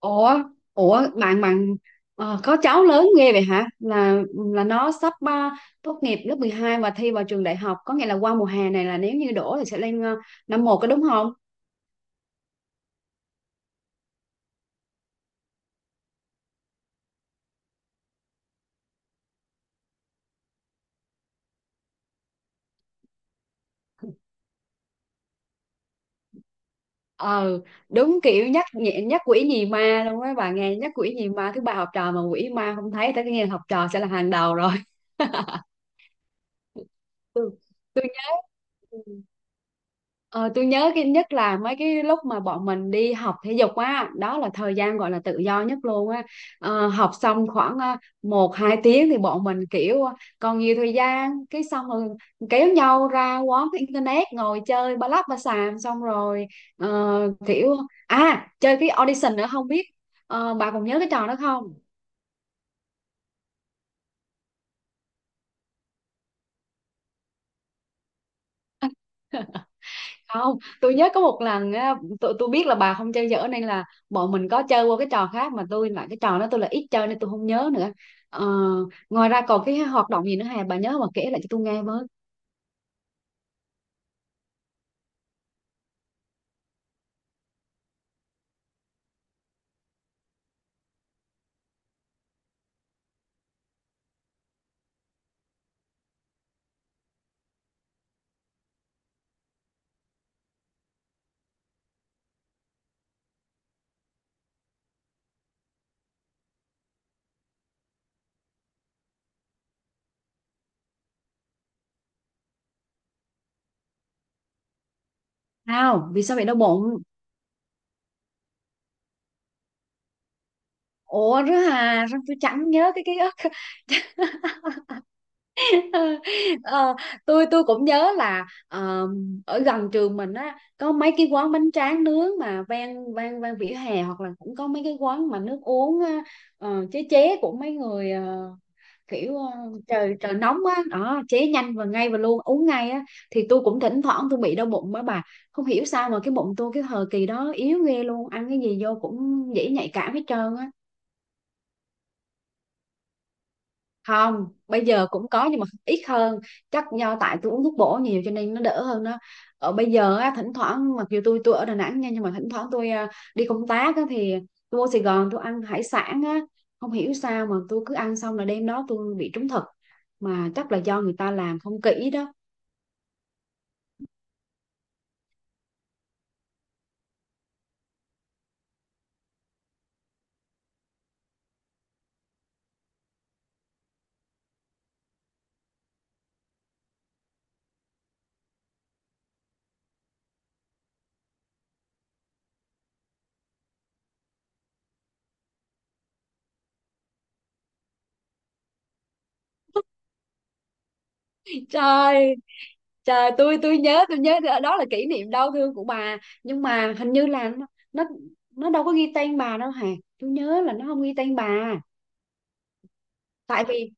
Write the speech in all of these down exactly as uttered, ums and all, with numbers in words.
Ủa, ủa bạn bạn ờ, có cháu lớn ghê vậy hả? Là là nó sắp ờ, tốt nghiệp lớp mười hai và thi vào trường đại học, có nghĩa là qua mùa hè này là nếu như đổ thì sẽ lên ờ, năm một có đúng không? Ờ, đúng kiểu nhắc nhẹ- nhắc quỷ nhì ma luôn á, bà nghe nhắc quỷ nhì ma thứ ba học trò mà quỷ ma không thấy tới cái học trò sẽ là hàng đầu rồi. Ừ. Ờ, tôi nhớ cái nhất là mấy cái lúc mà bọn mình đi học thể dục á, đó là thời gian gọi là tự do nhất luôn á. Ờ, học xong khoảng ờ, một hai tiếng thì bọn mình kiểu ờ, còn nhiều thời gian, cái xong rồi kéo nhau ra quán cái internet ngồi chơi ba lắp ba xàm, xong rồi ờ, kiểu à chơi cái audition nữa không biết, ờ, bà còn nhớ cái trò đó không? Không, tôi nhớ có một lần á, tôi tôi biết là bà không chơi dở nên là bọn mình có chơi qua cái trò khác, mà tôi lại cái trò đó tôi là ít chơi nên tôi không nhớ nữa. ờ, ngoài ra còn cái hoạt động gì nữa Hà, bà nhớ mà kể lại cho tôi nghe với. Sao? Vì sao vậy đau bụng? Ủa rứa Hà, sao tôi chẳng nhớ cái ký ức? ờ, tôi tôi cũng nhớ là ờ, ở gần trường mình á có mấy cái quán bánh tráng nướng mà ven ven ven vỉa hè, hoặc là cũng có mấy cái quán mà nước uống á, ờ, chế chế của mấy người, kiểu ờ, trời trời nóng á đó, chế nhanh và ngay và luôn uống ngay á, thì tôi cũng thỉnh thoảng tôi bị đau bụng á bà. Không hiểu sao mà cái bụng tôi cái thời kỳ đó yếu ghê luôn, ăn cái gì vô cũng dễ nhạy cảm hết trơn á. Không, bây giờ cũng có nhưng mà ít hơn, chắc do tại tôi uống thuốc bổ nhiều cho nên nó đỡ hơn đó. Ở bây giờ á, thỉnh thoảng mặc dù tôi tôi ở Đà Nẵng nha, nhưng mà thỉnh thoảng tôi à, đi công tác á, thì tôi vô Sài Gòn tôi ăn hải sản á, không hiểu sao mà tôi cứ ăn xong là đêm đó tôi bị trúng thực, mà chắc là do người ta làm không kỹ đó. Trời, trời tôi tôi nhớ tôi nhớ đó là kỷ niệm đau thương của bà, nhưng mà hình như là nó nó, nó đâu có ghi tên bà đâu hả? Tôi nhớ là nó không ghi tên bà. Tại vì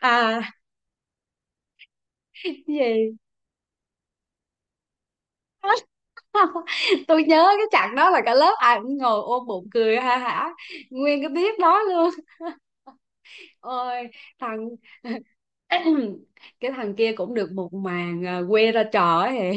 à cái gì? Tôi nhớ cái chặng đó là cả lớp ai cũng ngồi ôm bụng cười ha hả nguyên cái tiết đó luôn. Ôi thằng, cái thằng kia cũng được một màn à, quê ra trò ấy hề.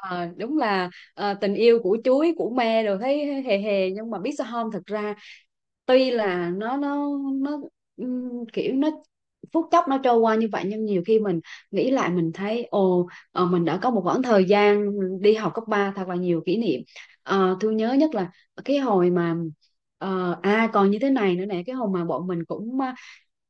Ờ, đúng là ờ, tình yêu của chuối của me rồi thấy hề hề, nhưng mà biết sao không, thật ra tuy là nó nó nó ừm, kiểu nó phút chốc nó trôi qua như vậy, nhưng nhiều khi mình nghĩ lại mình thấy ồ, ờ, mình đã có một khoảng thời gian đi học cấp ba thật là nhiều kỷ niệm. Ờ, tôi nhớ nhất là cái hồi mà ờ, à còn như thế này nữa nè, cái hồi mà bọn mình cũng ờ,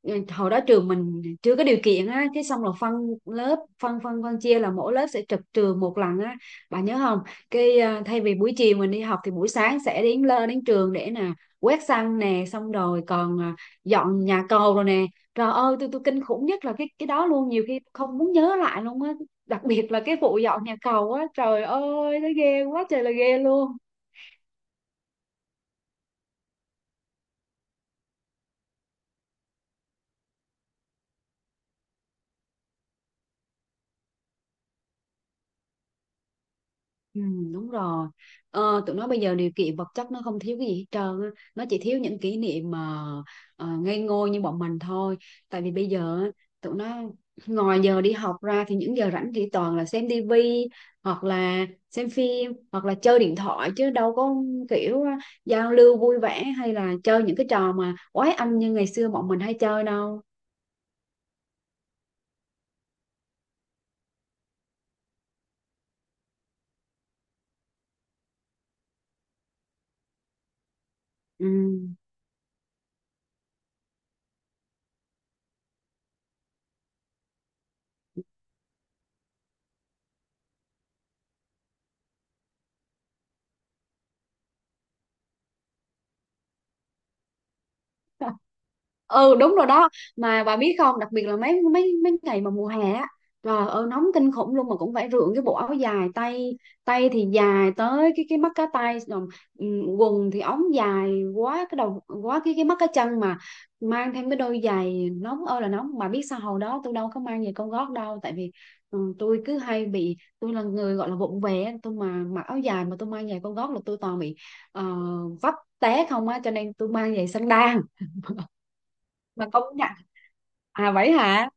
ừ, hồi đó trường mình chưa có điều kiện á, cái xong là phân lớp, phân phân phân chia là mỗi lớp sẽ trực trường một lần á, bà nhớ không? Cái à, thay vì buổi chiều mình đi học thì buổi sáng sẽ đến lơ đến trường để nè quét sân nè, xong rồi còn à, dọn nhà cầu rồi nè. Trời ơi, tôi tôi kinh khủng nhất là cái cái đó luôn, nhiều khi không muốn nhớ lại luôn á, đặc biệt là cái vụ dọn nhà cầu á, trời ơi nó ghê quá trời là ghê luôn. Ừ, đúng rồi. ờ, tụi nó bây giờ điều kiện vật chất nó không thiếu cái gì hết trơn á, nó chỉ thiếu những kỷ niệm mà ờ, ngây ngô như bọn mình thôi. Tại vì bây giờ á, tụi nó ngoài giờ đi học ra thì những giờ rảnh chỉ toàn là xem tivi, hoặc là xem phim, hoặc là chơi điện thoại, chứ đâu có kiểu giao lưu vui vẻ hay là chơi những cái trò mà quái anh như ngày xưa bọn mình hay chơi đâu. Ừ. Ừ đúng rồi đó. Mà bà biết không, đặc biệt là mấy mấy mấy ngày mà mùa hè á, trời ơi nóng kinh khủng luôn, mà cũng phải rượn cái bộ áo dài tay, tay thì dài tới cái cái mắt cá tay rồi, ừ, quần thì ống dài quá cái đầu, quá cái cái mắt cá chân, mà mang thêm cái đôi giày nóng ơi là nóng. Bà biết sao hồi đó tôi đâu có mang giày cao gót đâu, tại vì ừ, tôi cứ hay bị, tôi là người gọi là vụng về á, tôi mà mặc áo dài mà tôi mang giày cao gót là tôi toàn bị ờ, vấp té không á, cho nên tôi mang giày xăng đan mà công nhận. À vậy hả?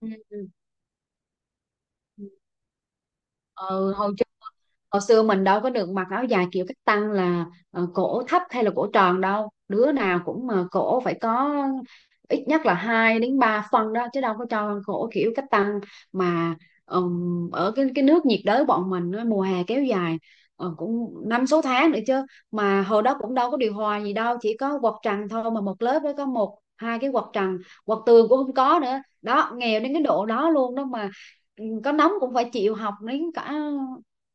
Ừ. Ừ. Ừ, hồi hồi xưa mình đâu có được mặc áo dài kiểu cách tăng, là ờ, cổ thấp hay là cổ tròn đâu, đứa nào cũng mà cổ phải có ít nhất là hai đến ba phân đó, chứ đâu có cho cổ kiểu cách tăng mà. ừm, ở cái cái nước nhiệt đới bọn mình á, mùa hè kéo dài ờ, cũng năm sáu tháng nữa chứ, mà hồi đó cũng đâu có điều hòa gì đâu, chỉ có quạt trần thôi, mà một lớp đó có một hai cái quạt trần, quạt tường cũng không có nữa đó, nghèo đến cái độ đó luôn đó mà. Ừ, có nóng cũng phải chịu học đến cả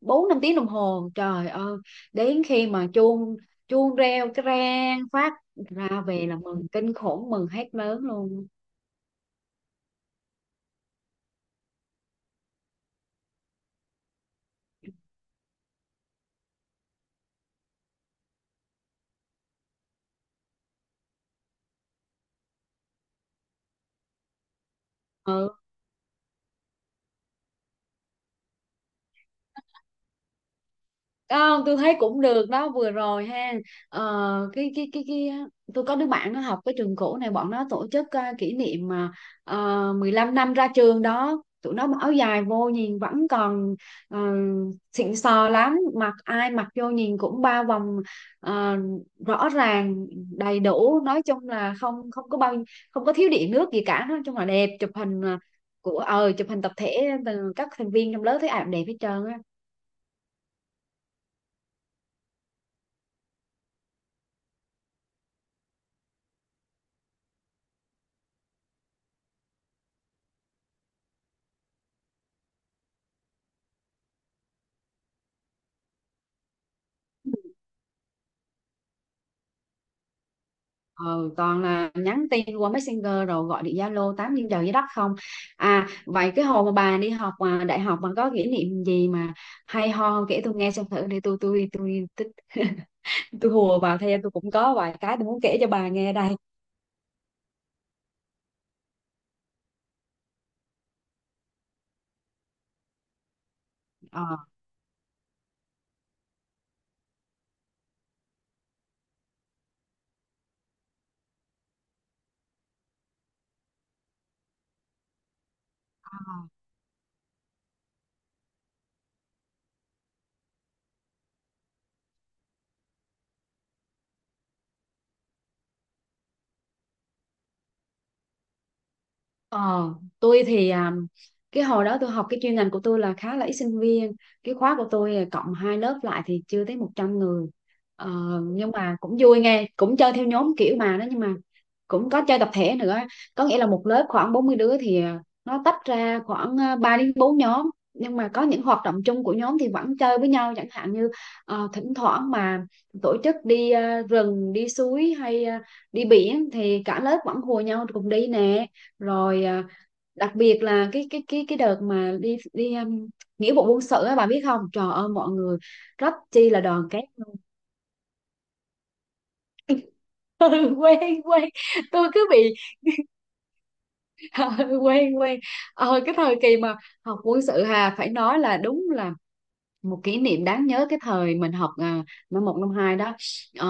bốn năm tiếng đồng hồ. Trời ơi, đến khi mà chuông chuông reo cái rang phát ra về là mừng kinh khủng, mừng hết lớn luôn. Ừ. Không, tôi thấy cũng được đó vừa rồi ha. Ờ, cái cái cái cái tôi có đứa bạn nó học cái trường cũ này, bọn nó tổ chức ờ, kỷ niệm mà ờ, mười lăm năm ra trường đó, tụi nó mặc áo dài vô nhìn vẫn còn ờ, xịn sò lắm, mặc ai mặc vô nhìn cũng ba vòng ờ, rõ ràng đầy đủ, nói chung là không không có bao, không có thiếu điện nước gì cả, nói chung là đẹp. Chụp hình ờ, của ờ chụp hình tập thể từ các thành viên trong lớp, thấy ảnh đẹp hết trơn á. Ừ, toàn là nhắn tin qua Messenger rồi gọi điện Zalo tám trên trời dưới đất không. à vậy cái hồi mà bà đi học mà đại học mà có kỷ niệm gì mà hay ho không? Kể tôi nghe xem thử để tôi tôi tôi tôi, tôi hùa vào theo, tôi cũng có vài cái tôi muốn kể cho bà nghe đây. Ờ. Ờ, tôi thì à, cái hồi đó tôi học cái chuyên ngành của tôi là khá là ít sinh viên, cái khóa của tôi à, cộng hai lớp lại thì chưa tới một trăm người. ờ, nhưng mà cũng vui nghe, cũng chơi theo nhóm kiểu mà đó, nhưng mà cũng có chơi tập thể nữa, có nghĩa là một lớp khoảng bốn mươi đứa thì à, nó tách ra khoảng à, ba đến bốn nhóm, nhưng mà có những hoạt động chung của nhóm thì vẫn chơi với nhau, chẳng hạn như ờ, thỉnh thoảng mà tổ chức đi à, rừng đi suối hay à, đi biển thì cả lớp vẫn hùa nhau cùng đi nè. Rồi à, đặc biệt là cái cái cái cái đợt mà đi đi um, nghĩa vụ quân sự á, bà biết không, trời ơi mọi người rất chi là đoàn kết luôn. Ừ, quen quen. Tôi cứ bị, quen quen. Ờ cái thời kỳ mà học quân sự hà, phải nói là đúng là một kỷ niệm đáng nhớ cái thời mình học à, năm một năm hai đó. ờ,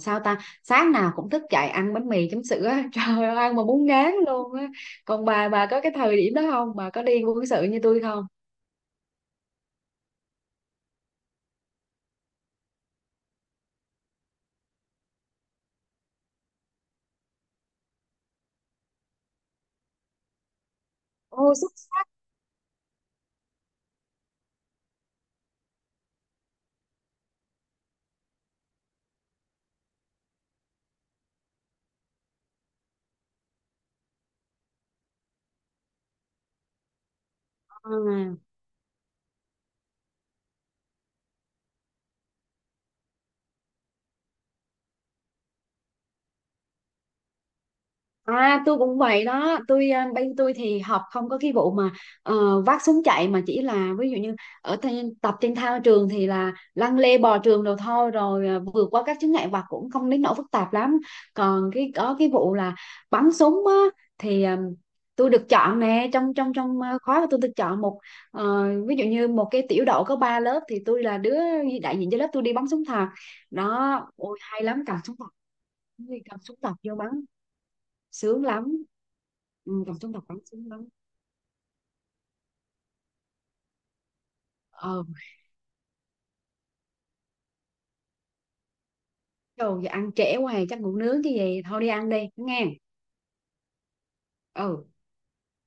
sao ta, sáng nào cũng thức dậy ăn bánh mì chấm sữa á. Trời ơi ăn mà muốn ngán luôn á. Còn bà bà có cái thời điểm đó không, bà có đi quân sự như tôi không? Ô. À, à tôi cũng vậy đó. Tôi à, bên tôi thì học không có cái vụ mà ờ, vác súng chạy, mà chỉ là ví dụ như ở trên, tập trên thao trường thì là lăn lê bò trường đồ thôi, rồi à, vượt qua các chướng ngại vật cũng không đến nỗi phức tạp lắm. Còn cái có cái vụ là bắn súng á, thì à, tôi được chọn nè, trong trong trong à, khóa của tôi được chọn một, ờ, ví dụ như một cái tiểu đội có ba lớp thì tôi là đứa đại diện cho lớp tôi đi bắn súng thật. Đó ôi hay lắm, cầm súng thật, cầm súng thật vô bắn sướng lắm. Ừ, còn trong đọc lắm sướng lắm. Ờ đồ giờ ăn trễ hoài, chắc ngủ nướng chứ gì, thôi đi ăn đi nghe. Ừ.